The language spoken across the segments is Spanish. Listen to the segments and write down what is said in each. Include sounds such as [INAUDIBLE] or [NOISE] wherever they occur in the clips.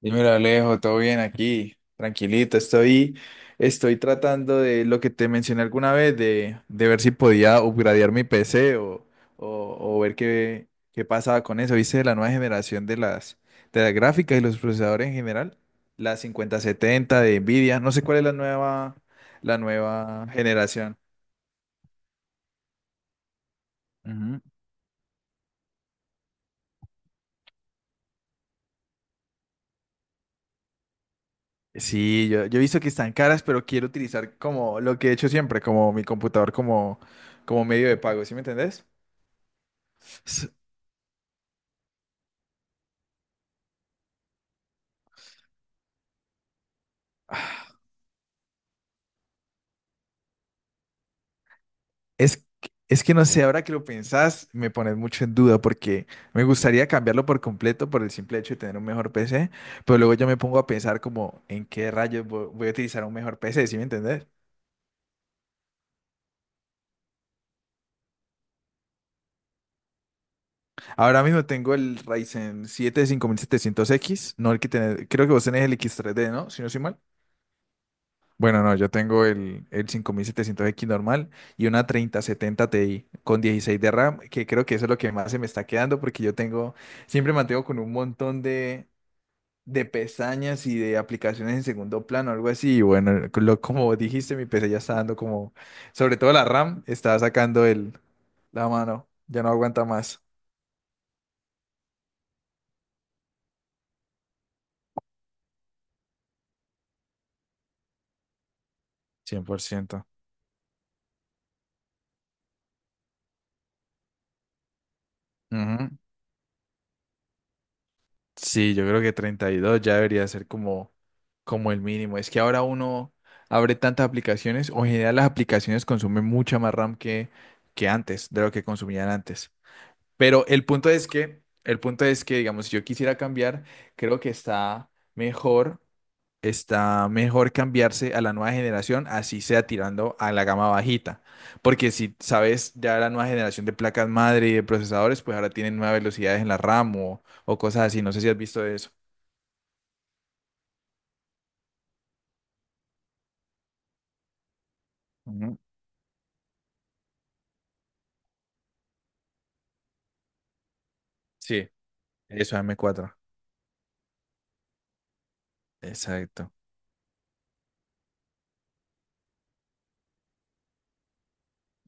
Dímelo, Alejo, todo bien aquí, tranquilito. Estoy tratando de lo que te mencioné alguna vez, de ver si podía upgradear mi PC o ver qué pasaba con eso. ¿Viste la nueva generación de las gráficas y los procesadores en general? La 5070 de Nvidia, no sé cuál es la nueva generación. Ujú. Sí, yo he visto que están caras, pero quiero utilizar como lo que he hecho siempre, como mi computador como medio de pago, ¿sí me entendés? S- Es, es que no sé, ahora que lo pensás, me pones mucho en duda porque me gustaría cambiarlo por completo por el simple hecho de tener un mejor PC, pero luego yo me pongo a pensar como en qué rayos voy a utilizar un mejor PC, ¿sí me entendés? Ahora mismo tengo el Ryzen 7 5700X, no el que tenés, creo que vos tenés el X3D, ¿no? Si no soy mal. Bueno, no, yo tengo el 5700X normal y una 3070 Ti con 16 de RAM, que creo que eso es lo que más se me está quedando porque yo tengo... Siempre mantengo con un montón de pestañas y de aplicaciones en segundo plano, algo así. Y bueno, como dijiste, mi PC ya está dando como, sobre todo la RAM, está sacando la mano, ya no aguanta más. 100%. Ujú. Sí, yo creo que 32 ya debería ser como, como el mínimo. Es que ahora uno abre tantas aplicaciones, o en general las aplicaciones consumen mucha más RAM que antes, de lo que consumían antes. Pero el punto es que, digamos, si yo quisiera cambiar, creo que está mejor cambiarse a la nueva generación, así sea tirando a la gama bajita. Porque si sabes, ya la nueva generación de placas madre y de procesadores, pues ahora tienen nuevas velocidades en la RAM o cosas así. No sé si has visto eso. Ujú. Sí, eso. M cuatro. Exacto.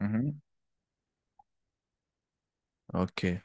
Ujú. Ok.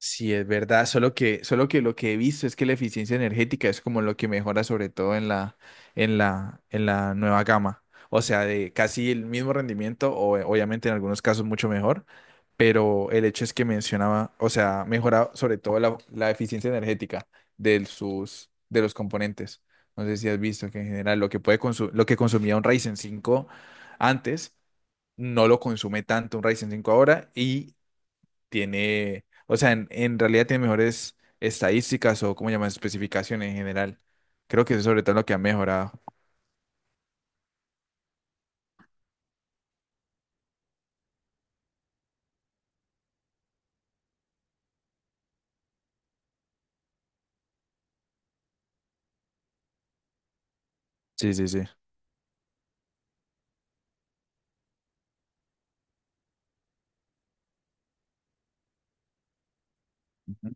Sí, es verdad, solo que lo que he visto es que la eficiencia energética es como lo que mejora sobre todo en la nueva gama. O sea, de casi el mismo rendimiento, o obviamente en algunos casos mucho mejor, pero el hecho es que mencionaba, o sea, mejora sobre todo la eficiencia energética de los componentes. No sé si has visto que en general lo que lo que consumía un Ryzen 5 antes no lo consume tanto un Ryzen 5 ahora y tiene, o sea, en realidad tiene mejores estadísticas o, ¿cómo llaman? Especificaciones en general. Creo que eso es sobre todo lo que ha mejorado. Sí, sí, sí. Ujú.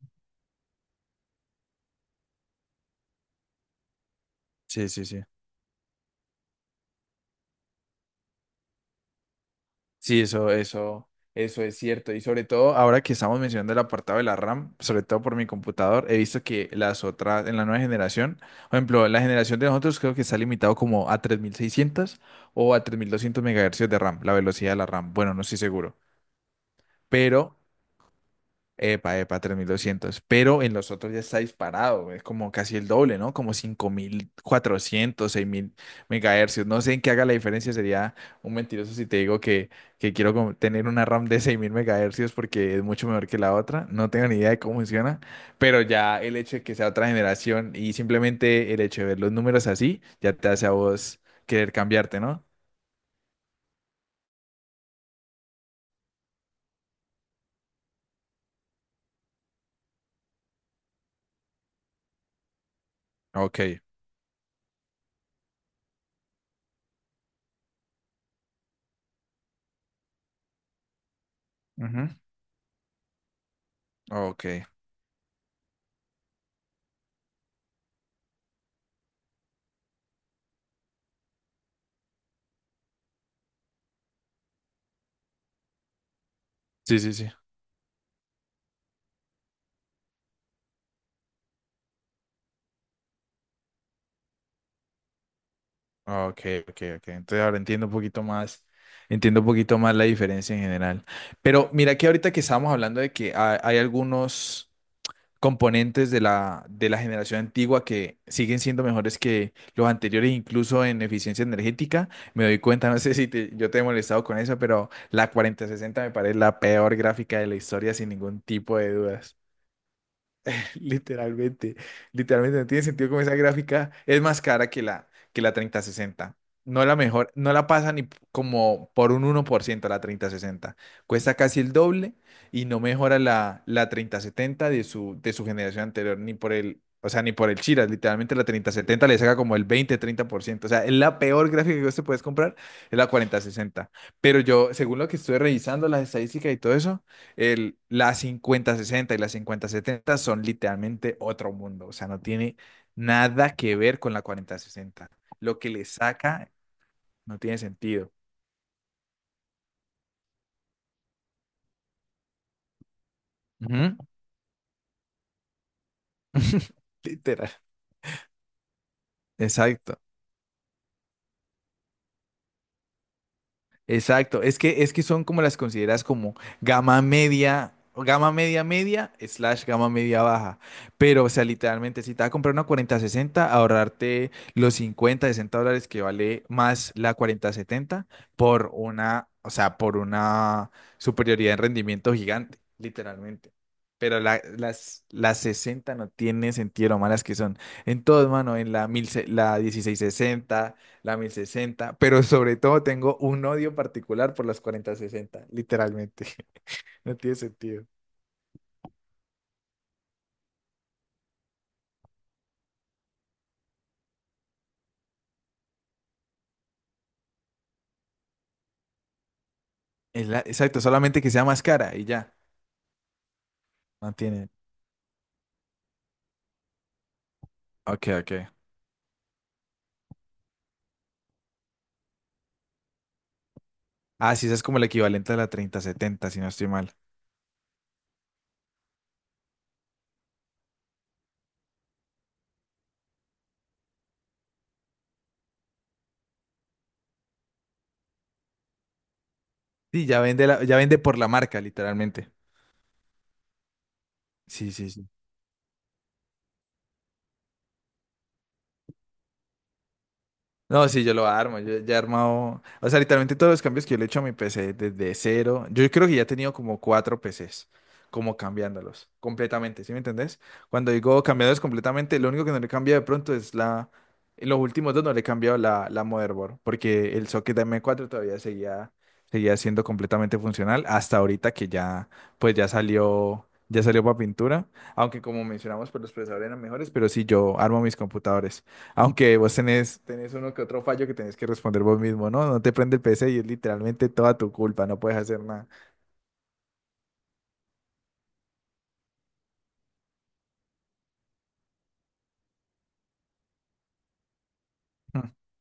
Sí, sí, sí. Sí, eso es cierto. Y sobre todo, ahora que estamos mencionando el apartado de la RAM, sobre todo por mi computador, he visto que las otras, en la nueva generación, por ejemplo, la generación de nosotros creo que está limitado como a 3600 o a 3200 MHz de RAM, la velocidad de la RAM. Bueno, no estoy seguro. Pero Epa, epa, 3200. Pero en los otros ya está disparado. Es como casi el doble, ¿no? Como 5400, 6000 megahercios. No sé en qué haga la diferencia. Sería un mentiroso si te digo que quiero como tener una RAM de 6000 megahercios porque es mucho mejor que la otra. No tengo ni idea de cómo funciona. Pero ya el hecho de que sea otra generación y simplemente el hecho de ver los números así ya te hace a vos querer cambiarte, ¿no? Ok. Ujú. Ok. Sí, sí, sí. Ah, ok, ok, ok. Entonces ahora entiendo un poquito más, entiendo un poquito más la diferencia en general. Pero mira que ahorita que estábamos hablando de que hay algunos componentes de la generación antigua que siguen siendo mejores que los anteriores, incluso en eficiencia energética, me doy cuenta, [LAUGHS] no sé si yo te he molestado con eso, pero la 4060 me parece la peor gráfica de la historia sin ningún tipo de dudas. [LAUGHS] Literalmente, literalmente, no tiene sentido como esa gráfica es más cara que la 3060. No la mejor, no la pasa ni como por un 1% la 3060. Cuesta casi el doble y no mejora la 3070 de su generación anterior, ni por el, o sea, ni por el Chiras. Literalmente la 3070 le saca como el 20-30%. O sea, es la peor gráfica que vos te puedes comprar, es la 4060. Pero yo, según lo que estuve revisando, las estadísticas y todo eso, la 5060 y la 5070 son literalmente otro mundo, o sea, no tiene nada que ver con la 4060. Lo que le saca no tiene sentido. Ujú. [LAUGHS] Literal. Exacto. Exacto, es que son como las consideras como gama media, o gama media media, slash gama media baja. Pero, o sea, literalmente, si te vas a comprar una 4060, ahorrarte los 50, $60 que vale más la 4070 por una superioridad en rendimiento gigante, literalmente. Pero las 60 no tiene sentido lo malas que son. En todo, mano, en la 1660. La 1060, pero sobre todo tengo un odio particular por las 4060 literalmente. [LAUGHS] No tiene sentido. Es exacto, solamente que sea más cara y ya. No tiene. Ok, ok. Ah, sí, esa es como el equivalente a la 3070 si no estoy mal. Sí, ya vende por la marca, literalmente. Sí, sí, sí. No, sí, yo lo armo, yo ya he armado, o sea, literalmente todos los cambios que yo le he hecho a mi PC desde cero, yo creo que ya he tenido como cuatro PCs, como cambiándolos completamente, ¿sí me entendés? Cuando digo cambiándolos completamente, lo único que no le cambia de pronto es la, en los últimos dos no le he cambiado la motherboard, porque el socket de m cuatro todavía seguía siendo completamente funcional hasta ahorita que ya, pues ya salió para pintura, aunque como mencionamos, pues los procesadores eran mejores, pero sí, yo armo mis computadores. Aunque vos tenés uno que otro fallo que tenés que responder vos mismo, ¿no? No te prende el PC y es literalmente toda tu culpa, no puedes hacer nada. [LAUGHS]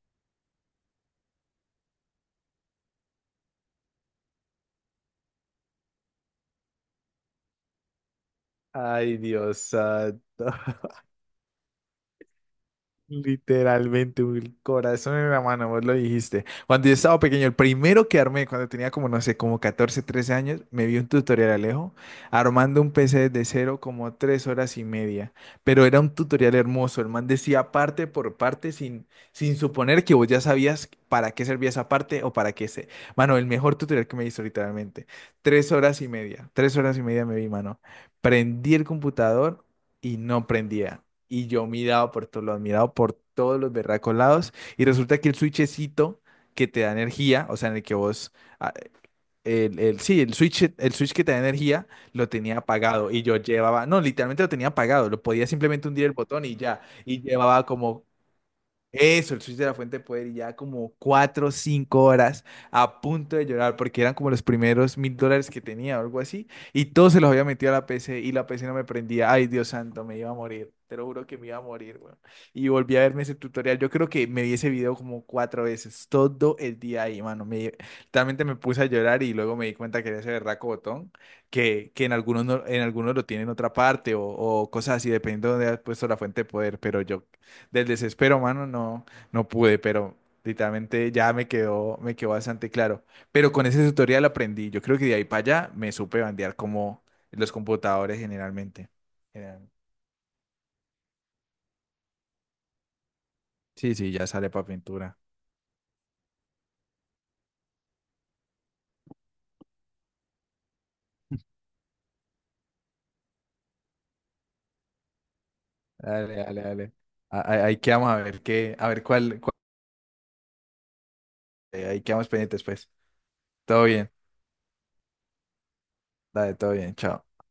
Ay, Dios santo. Literalmente, un corazón en la mano, vos lo dijiste. Cuando yo estaba pequeño, el primero que armé, cuando tenía como, no sé, como 14, 13 años, me vi un tutorial, Alejo, armando un PC desde cero como 3 horas y media. Pero era un tutorial hermoso, el man decía parte por parte sin suponer que vos ya sabías para qué servía esa parte o para qué se... Mano, el mejor tutorial que me hizo literalmente. 3 horas y media, 3 horas y media me vi, mano. Prendí el computador y no prendía. Y yo miraba por todos lados, miraba por todos los berracos lados. Y resulta que el switchecito que te da energía, o sea, en el que vos, ah, sí, el switch que te da energía, lo tenía apagado. Y yo llevaba, no, literalmente lo tenía apagado. Lo podía simplemente hundir el botón y ya. Y llevaba como eso, el switch de la fuente de poder y ya como 4 o 5 horas a punto de llorar porque eran como los primeros $1000 que tenía o algo así y todos se los había metido a la PC y la PC no me prendía. Ay, Dios santo, me iba a morir. Te lo juro que me iba a morir, weón. Y volví a verme ese tutorial. Yo creo que me vi ese video como cuatro veces, todo el día ahí, mano. Realmente me puse a llorar y luego me di cuenta que era ese berraco botón que en algunos, en algunos lo tiene en otra parte o cosas así, dependiendo de dónde has puesto la fuente de poder. Pero yo del desespero, mano, no, no pude, pero literalmente ya me quedó bastante claro. Pero con ese tutorial aprendí. Yo creo que de ahí para allá me supe bandear como los computadores generalmente. General- Sí, sí, ya sale para pintura. Dale, dale, dale. Ahí quedamos a ver qué, a ver cuál, ahí quedamos pendientes, pues. Todo bien, dale, todo bien, chao.